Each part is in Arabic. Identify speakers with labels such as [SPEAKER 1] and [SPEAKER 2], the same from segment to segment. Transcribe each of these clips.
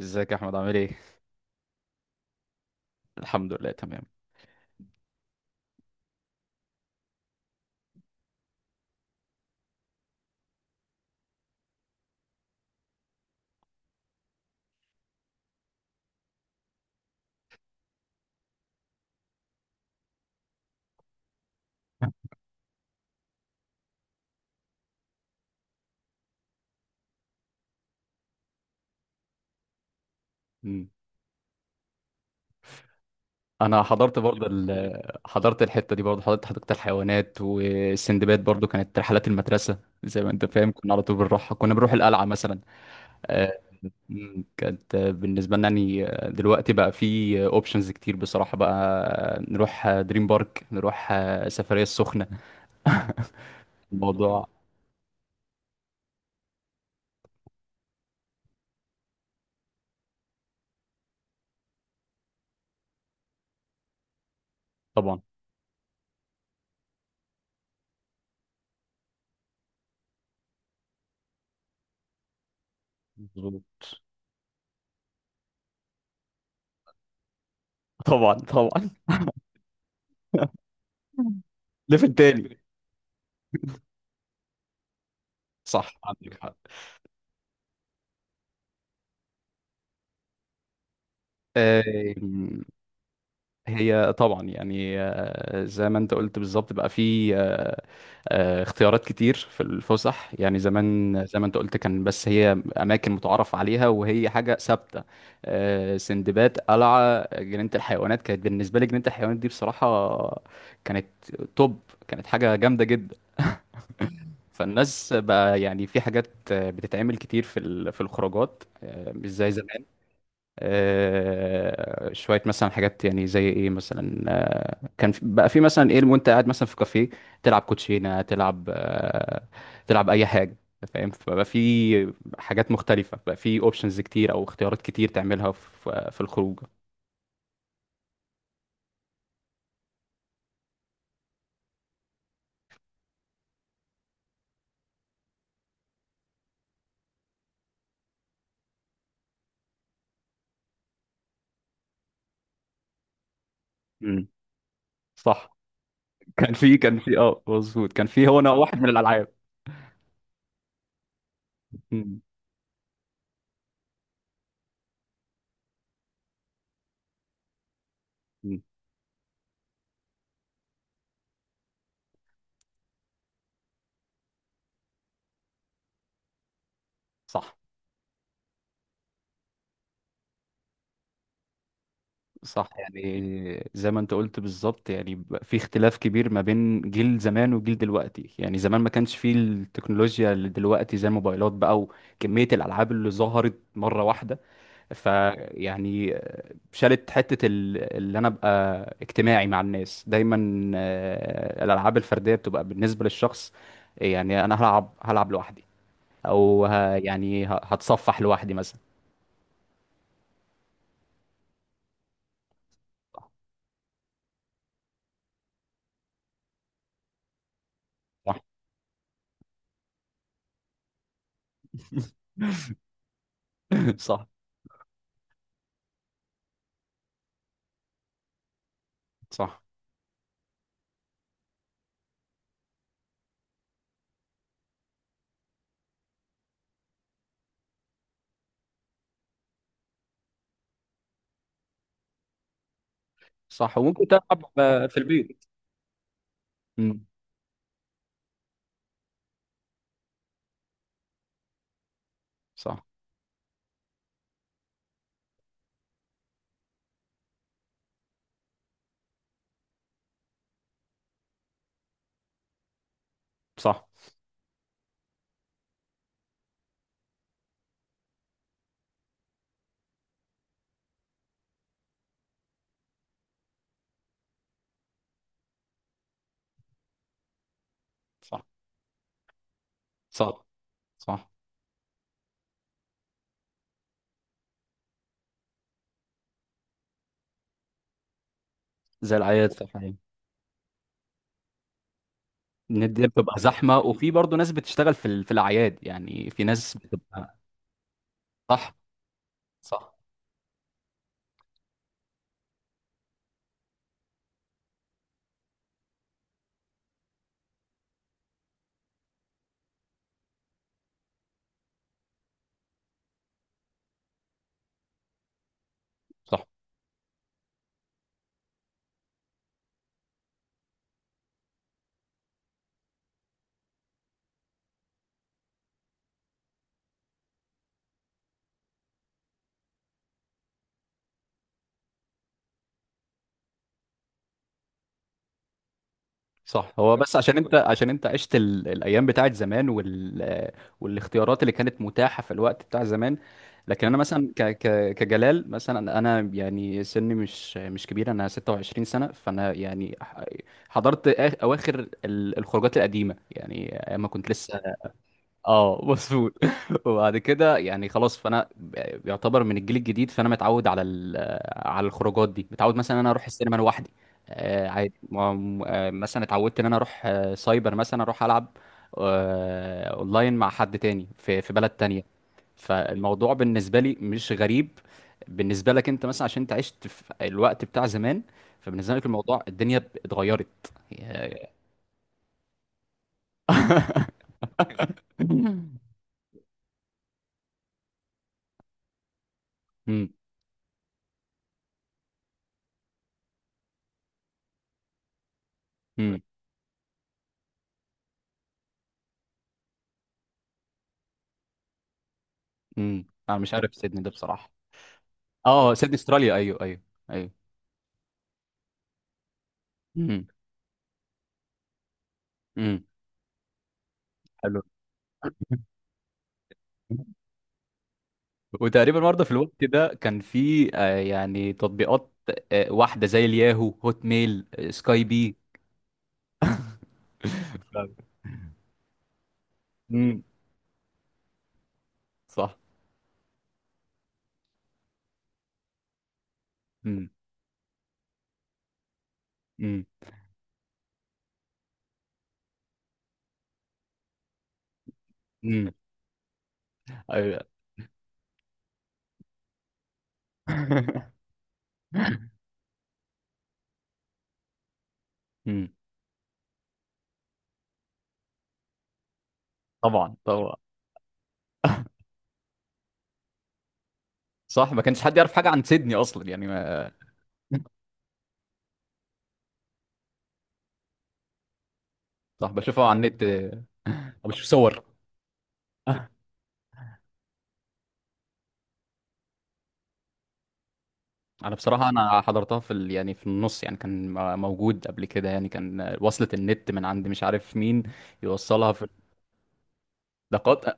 [SPEAKER 1] ازيك يا احمد عامل ايه؟ الحمد لله تمام. مم. انا حضرت برضه حضرت الحته دي برضه، حضرت حديقه الحيوانات والسندباد، برضه كانت رحلات المدرسه. زي ما انت فاهم كنا على طول بنروحها، كنا بنروح القلعه مثلا. آه، مم. كانت بالنسبة لنا يعني. دلوقتي بقى في اوبشنز كتير بصراحة بقى، نروح دريم بارك، نروح سفرية السخنة. الموضوع طبعا مظبوط. طبعا طبعا. ليفل تاني. صح عندك حق. آم، هي طبعا يعني، زي ما انت قلت بالظبط، بقى في اختيارات كتير في الفسح. يعني زمان زي ما انت قلت كان بس هي اماكن متعارف عليها وهي حاجه ثابته. سندباد، قلعه، جنينه الحيوانات. كانت بالنسبه لي جنينه الحيوانات دي بصراحه كانت توب، كانت حاجه جامده جدا. فالناس بقى يعني في حاجات بتتعمل كتير في في الخروجات، مش زي زمان. شويه مثلا حاجات يعني زي ايه مثلا. كان في بقى في مثلا ايه وانت قاعد مثلا في كافيه، تلعب كوتشينه، تلعب تلعب اي حاجه. فاهم؟ فبقى في حاجات مختلفه، بقى في اوبشنز كتير او اختيارات كتير تعملها في في الخروج. مم. صح. كان في كان في اه مظبوط، كان في هو انا واحد من الالعاب. مم. مم. صح. صح، يعني زي ما انت قلت بالظبط، يعني بقى في اختلاف كبير ما بين جيل زمان وجيل دلوقتي. يعني زمان ما كانش فيه التكنولوجيا اللي دلوقتي، زي الموبايلات بقى وكمية الألعاب اللي ظهرت مرة واحدة. فيعني شالت حتة اللي أنا أبقى اجتماعي مع الناس دايما. الألعاب الفردية بتبقى بالنسبة للشخص، يعني أنا هلعب، هلعب لوحدي، أو هتصفح لوحدي مثلا. صح. صح. صح. صح وممكن تلعب في البيت. مم. صح. صح. صح. صح. صح، زي الأعياد، صح، أيوة. النت دي بتبقى زحمة، وفي برضه ناس بتشتغل في في الأعياد، يعني في ناس بتبقى. صح. صح. صح. صح، هو بس عشان انت، عشان انت عشت الايام بتاعت زمان، والاختيارات اللي كانت متاحه في الوقت بتاع زمان. لكن انا مثلا كجلال مثلا، انا يعني سني مش كبير، انا 26 سنه، فانا يعني حضرت اواخر الخروجات القديمه يعني، ايام ما كنت لسه. اه مظبوط. وبعد كده يعني خلاص، فانا يعتبر من الجيل الجديد، فانا متعود على على الخروجات دي، متعود مثلا انا اروح السينما لوحدي. عادي، مثلا اتعودت ان انا اروح سايبر مثلا اروح العب اونلاين مع حد تاني في في بلد تانية. فالموضوع بالنسبه لي مش غريب. بالنسبه لك انت مثلا عشان انت عشت في الوقت بتاع زمان، فبالنسبه لك الموضوع الدنيا اتغيرت. مم. امم، انا مش عارف سيدني ده بصراحه. اه، سيدني استراليا، ايوه ايوه. ايوه. امم. امم. حلو. وتقريبا برضه في الوقت ده كان في يعني تطبيقات، واحده زي الياهو، هوت ميل، سكاي بي. امم. صح. امم. امم. امم. ايوه. امم. طبعا طبعا. صح، ما كانش حد يعرف حاجه عن سيدني اصلا يعني، ما... صح، بشوفها على النت بشوف صور. انا بصراحه انا حضرتها في يعني في النص، يعني كان موجود قبل كده، يعني كان وصلت النت من عند مش عارف مين يوصلها في الدقات.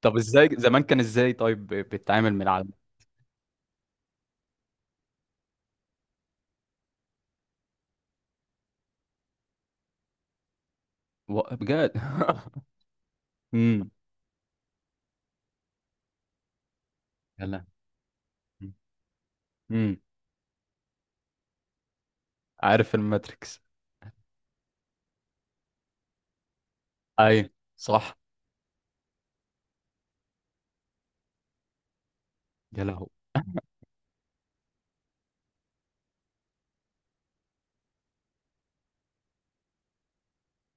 [SPEAKER 1] طب ازاي زمان كان ازاي طيب بتتعامل من العالم؟ و- بجد؟ امم. يلا. امم. عارف الماتريكس. اي. صح. يا لهو.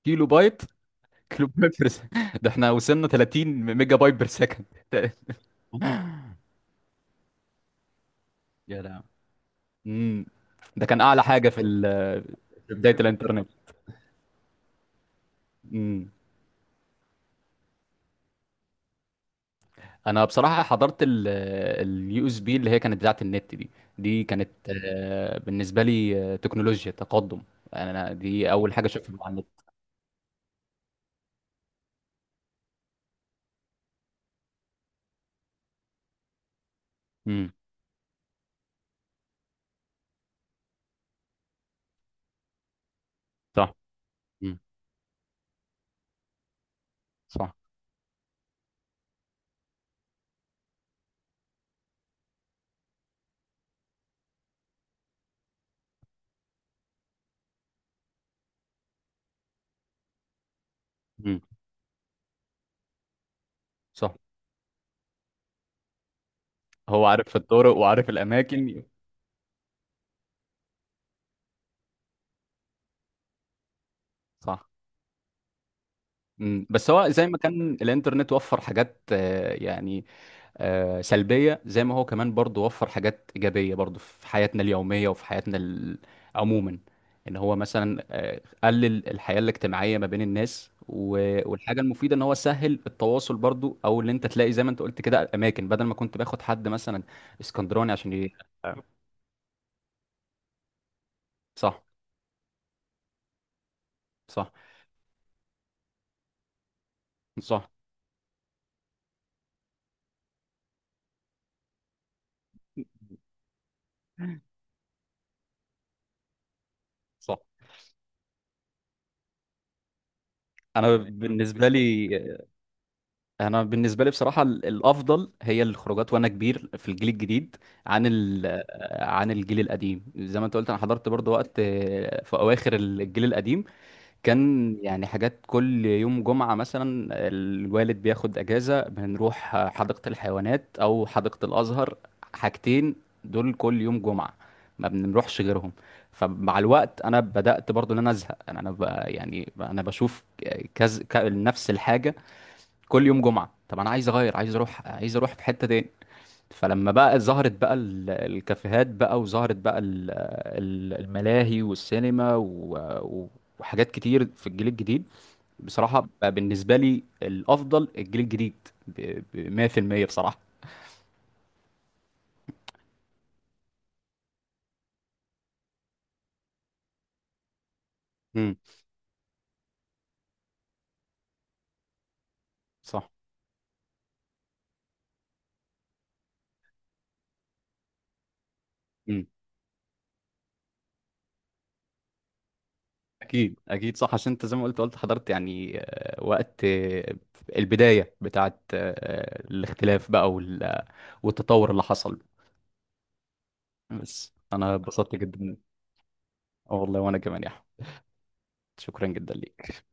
[SPEAKER 1] كيلو بايت. كيلو بايت بر سكند. ده احنا وصلنا 30 ميجا بايت بير سكند. يا لهو. امم. ده كان اعلى حاجه في في بدايه الانترنت. انا بصراحه حضرت اليو اس بي اللي هي كانت بتاعه النت دي، دي كانت بالنسبه لي تكنولوجيا تقدم، يعني انا دي اول حاجه اشوفها على النت. امم. صح. امم. صح. امم. صح، هو عارف الطرق وعارف الاماكن. صح. امم، بس هو زي ما كان الانترنت وفر حاجات يعني سلبية، زي ما هو كمان برضو وفر حاجات إيجابية برضو في حياتنا اليومية وفي حياتنا عموما. إن هو مثلا قلل الحياة الاجتماعية ما بين الناس، و- والحاجة المفيدة إن هو سهل التواصل برضو، أو اللي أنت تلاقي زي ما أنت قلت كده أماكن بدل ما كنت باخد حد مثلا اسكندراني عشان ي... صح. صح. صح. صح، أنا بالنسبة لي، انا بالنسبه لي بصراحه الافضل هي الخروجات وانا كبير في الجيل الجديد عن ال عن الجيل القديم. زي ما انت قلت انا حضرت برضو وقت في اواخر الجيل القديم، كان يعني حاجات كل يوم جمعه مثلا الوالد بياخد اجازه بنروح حديقه الحيوانات او حديقه الازهر. حاجتين دول كل يوم جمعه، ما بنروحش غيرهم. فمع الوقت انا بدات برضو ان انا ازهق، يعني انا بشوف كذا نفس الحاجه، كل يوم جمعة. طب انا عايز اغير، عايز اروح، عايز اروح في حتة تاني. فلما بقى ظهرت بقى الكافيهات بقى، وظهرت بقى الملاهي والسينما و- وحاجات كتير في الجيل الجديد، بصراحة بقى بالنسبة لي الافضل الجيل الجديد ب 100% بصراحة. امم. صح. امم. اكيد اكيد، صح، عشان انت زي ما قلت، قلت حضرت يعني وقت البداية بتاعت الاختلاف بقى والتطور اللي حصل. بس انا اتبسطت جدا. والله، وانا كمان يا احمد، شكرا جدا ليك.